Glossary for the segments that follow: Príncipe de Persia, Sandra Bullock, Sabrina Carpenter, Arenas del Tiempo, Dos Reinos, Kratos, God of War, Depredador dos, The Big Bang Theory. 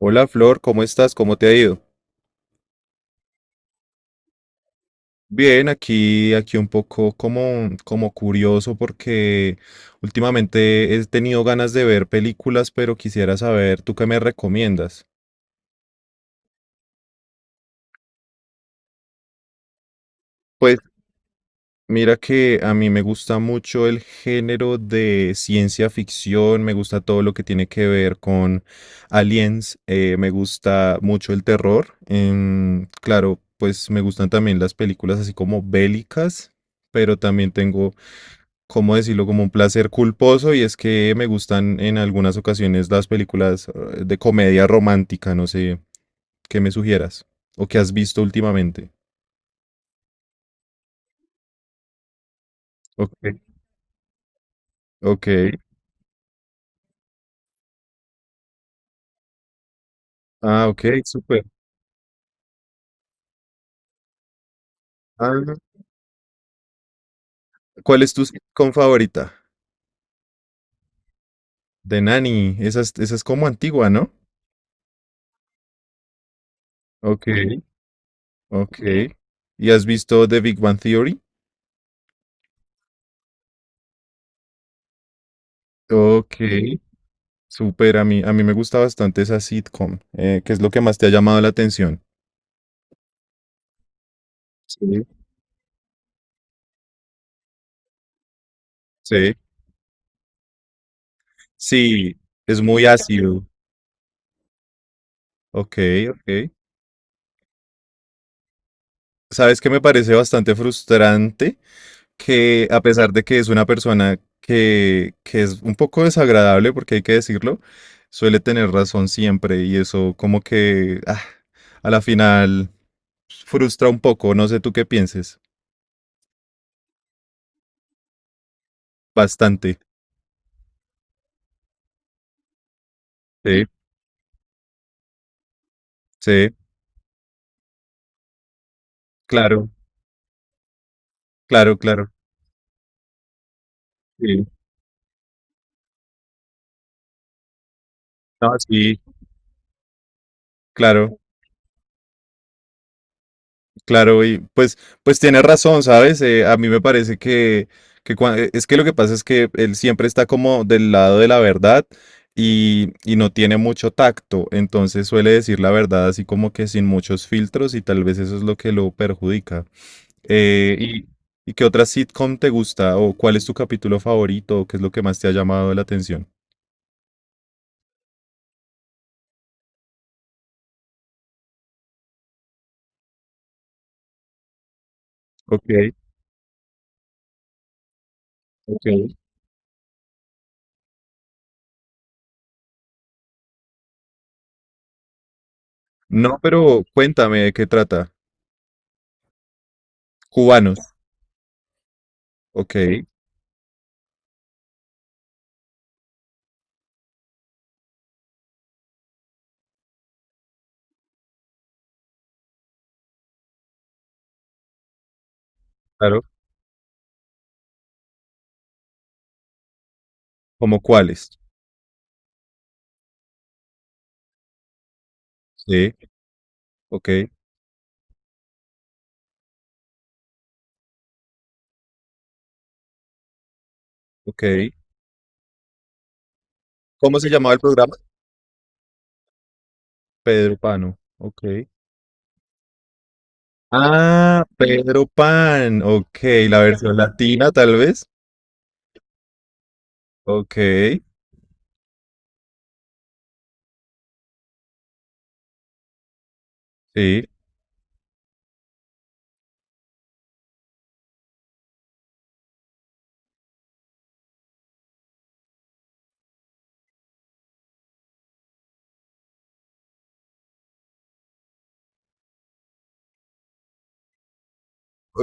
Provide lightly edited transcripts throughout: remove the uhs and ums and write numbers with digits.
Hola Flor, ¿cómo estás? ¿Cómo te ha ido? Bien, aquí un poco como curioso porque últimamente he tenido ganas de ver películas, pero quisiera saber, ¿tú qué me recomiendas? Pues mira que a mí me gusta mucho el género de ciencia ficción, me gusta todo lo que tiene que ver con aliens, me gusta mucho el terror, claro, pues me gustan también las películas así como bélicas, pero también tengo, ¿cómo decirlo? Como un placer culposo y es que me gustan en algunas ocasiones las películas de comedia romántica, no sé, ¿qué me sugieras? ¿O qué has visto últimamente? Ok, ok. Ah, ok, súper. Ah, ¿cuál es tu sitcom favorita? De Nanny, esa es como antigua, ¿no? Ok, ok. ¿Y has visto The Big Bang Theory? Ok, súper, a mí me gusta bastante esa sitcom. ¿Qué es lo que más te ha llamado la atención? Sí. Sí. Sí, es muy ácido. Ok, ok. ¿Sabes qué me parece bastante frustrante? Que a pesar de que es una persona que es un poco desagradable, porque hay que decirlo, suele tener razón siempre y eso como que ah, a la final frustra un poco. No sé tú qué pienses. Bastante. Sí, sí, claro, claro, claro. Sí, no, sí, claro. Claro, y pues tienes razón, ¿sabes? A mí me parece que es que lo que pasa es que él siempre está como del lado de la verdad y no tiene mucho tacto, entonces suele decir la verdad así como que sin muchos filtros y tal vez eso es lo que lo perjudica. Eh, y, ¿Y qué otra sitcom te gusta? ¿O cuál es tu capítulo favorito? ¿O qué es lo que más te ha llamado la atención? Ok, ok. No, pero cuéntame de qué trata. Cubanos. Ok, claro. ¿Cómo cuáles? Sí. Ok, ok. ¿Cómo se llamaba el programa? Pedro Pano. Ok. Ah, Pedro Pan. Ok, la versión latina tal vez. Ok, sí.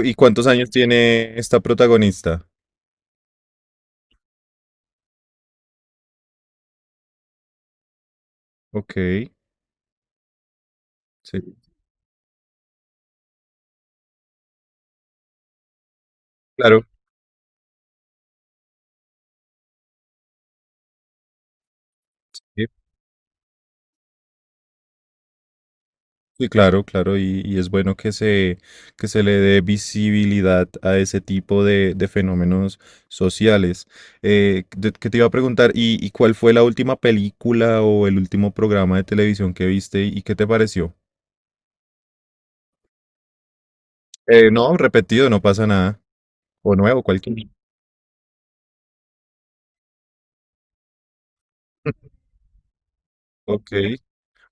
¿Y cuántos años tiene esta protagonista? Ok, sí. Claro. Sí, claro, claro, y es bueno que se le dé visibilidad a ese tipo de fenómenos sociales. Que te iba a preguntar, ¿y cuál fue la última película o el último programa de televisión que viste y qué te pareció? No, repetido, no pasa nada. O nuevo, cualquier. Ok.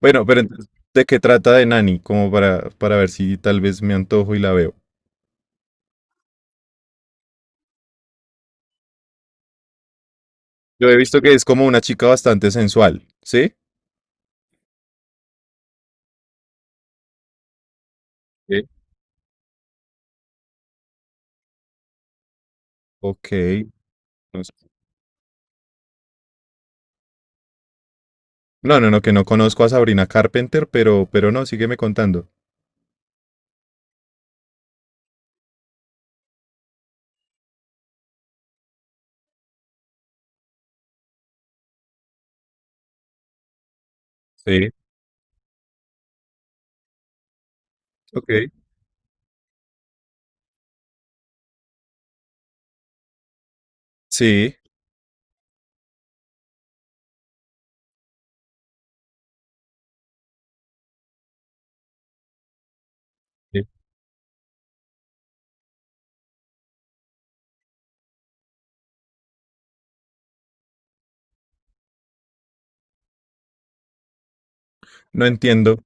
Bueno, pero entonces, ¿de qué trata de Nani? Como para ver si tal vez me antojo y la veo. Yo he visto que es como una chica bastante sensual, ¿sí? Sí. Ok. no No, no, no, que no conozco a Sabrina Carpenter, pero no, sígueme contando. Sí, ok. Sí, sí. No entiendo.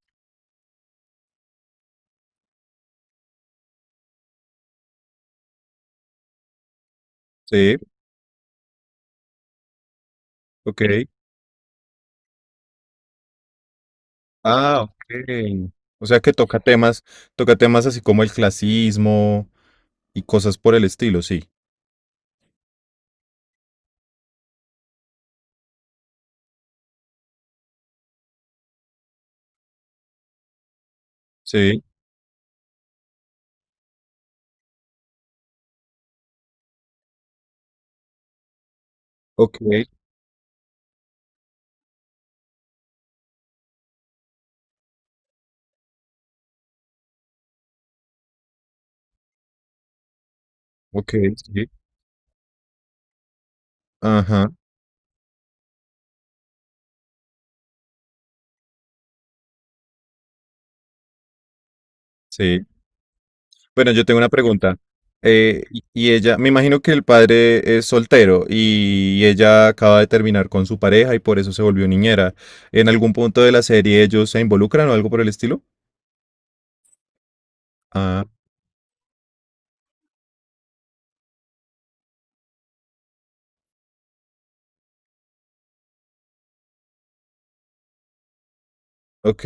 Sí, ok. Ah, ok. O sea que toca temas así como el clasismo y cosas por el estilo, sí. Sí, ok, ok, sí. Ajá, sí. Bueno, yo tengo una pregunta. Y ella, me imagino que el padre es soltero y ella acaba de terminar con su pareja y por eso se volvió niñera. ¿En algún punto de la serie ellos se involucran o algo por el estilo? Ah, ok,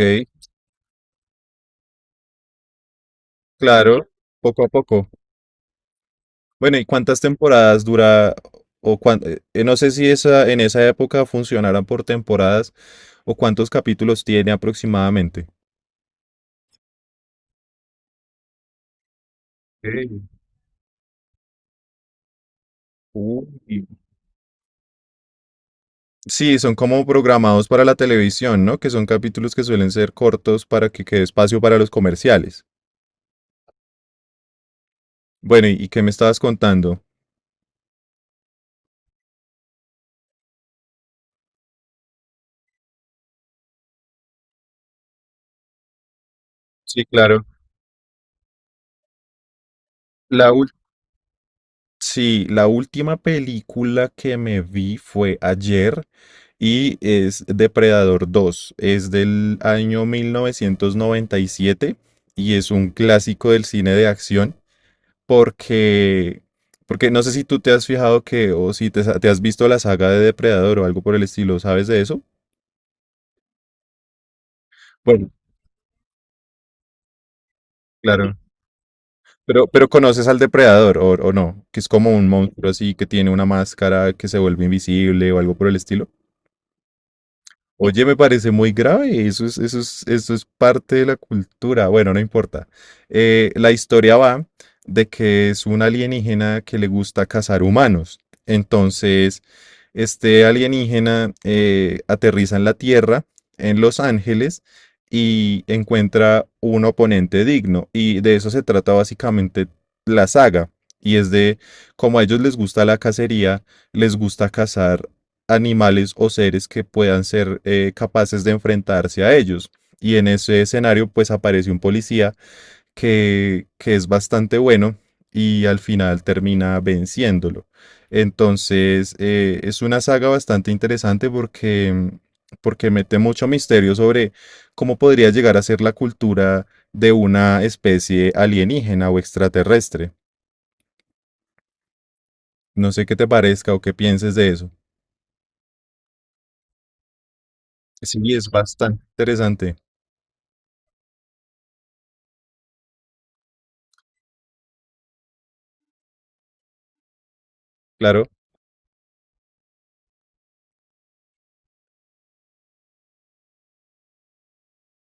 claro, poco a poco. Bueno, ¿y cuántas temporadas dura? O no sé si esa, en esa época funcionaran por temporadas o cuántos capítulos tiene aproximadamente. Ok. Uy, sí, son como programados para la televisión, ¿no? Que son capítulos que suelen ser cortos para que quede espacio para los comerciales. Bueno, ¿y qué me estabas contando? Sí, claro. La ul- sí, la última película que me vi fue ayer y es Depredador 2. Es del año 1997 y es un clásico del cine de acción porque, porque no sé si tú te has fijado que o si te has visto la saga de Depredador o algo por el estilo, ¿sabes de eso? Bueno, claro. Pero conoces al depredador o no, que es como un monstruo así que tiene una máscara que se vuelve invisible o algo por el estilo. Oye, me parece muy grave, eso es parte de la cultura. Bueno, no importa. La historia va de que es un alienígena que le gusta cazar humanos. Entonces, este alienígena aterriza en la Tierra, en Los Ángeles, y encuentra un oponente digno. Y de eso se trata básicamente la saga. Y es de como a ellos les gusta la cacería, les gusta cazar animales o seres que puedan ser capaces de enfrentarse a ellos. Y en ese escenario pues aparece un policía que es bastante bueno y al final termina venciéndolo. Entonces, es una saga bastante interesante porque mete mucho misterio sobre cómo podría llegar a ser la cultura de una especie alienígena o extraterrestre. No sé qué te parezca o qué pienses de eso. Sí, es bastante interesante, claro.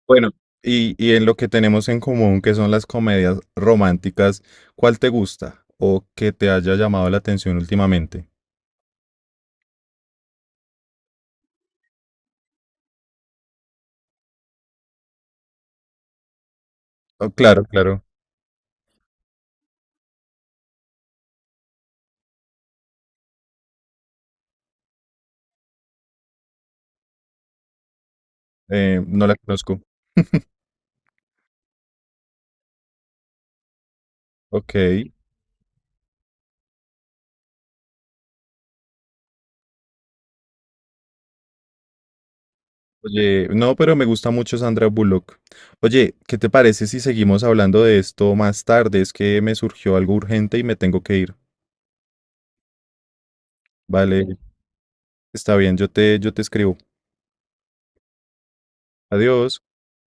Bueno, y en lo que tenemos en común, que son las comedias románticas, ¿cuál te gusta o que te haya llamado la atención últimamente? Oh, claro, claro, no la conozco. Ok. Oye, no, pero me gusta mucho Sandra Bullock. Oye, ¿qué te parece si seguimos hablando de esto más tarde? Es que me surgió algo urgente y me tengo que ir. Vale, está bien, yo te escribo. Adiós.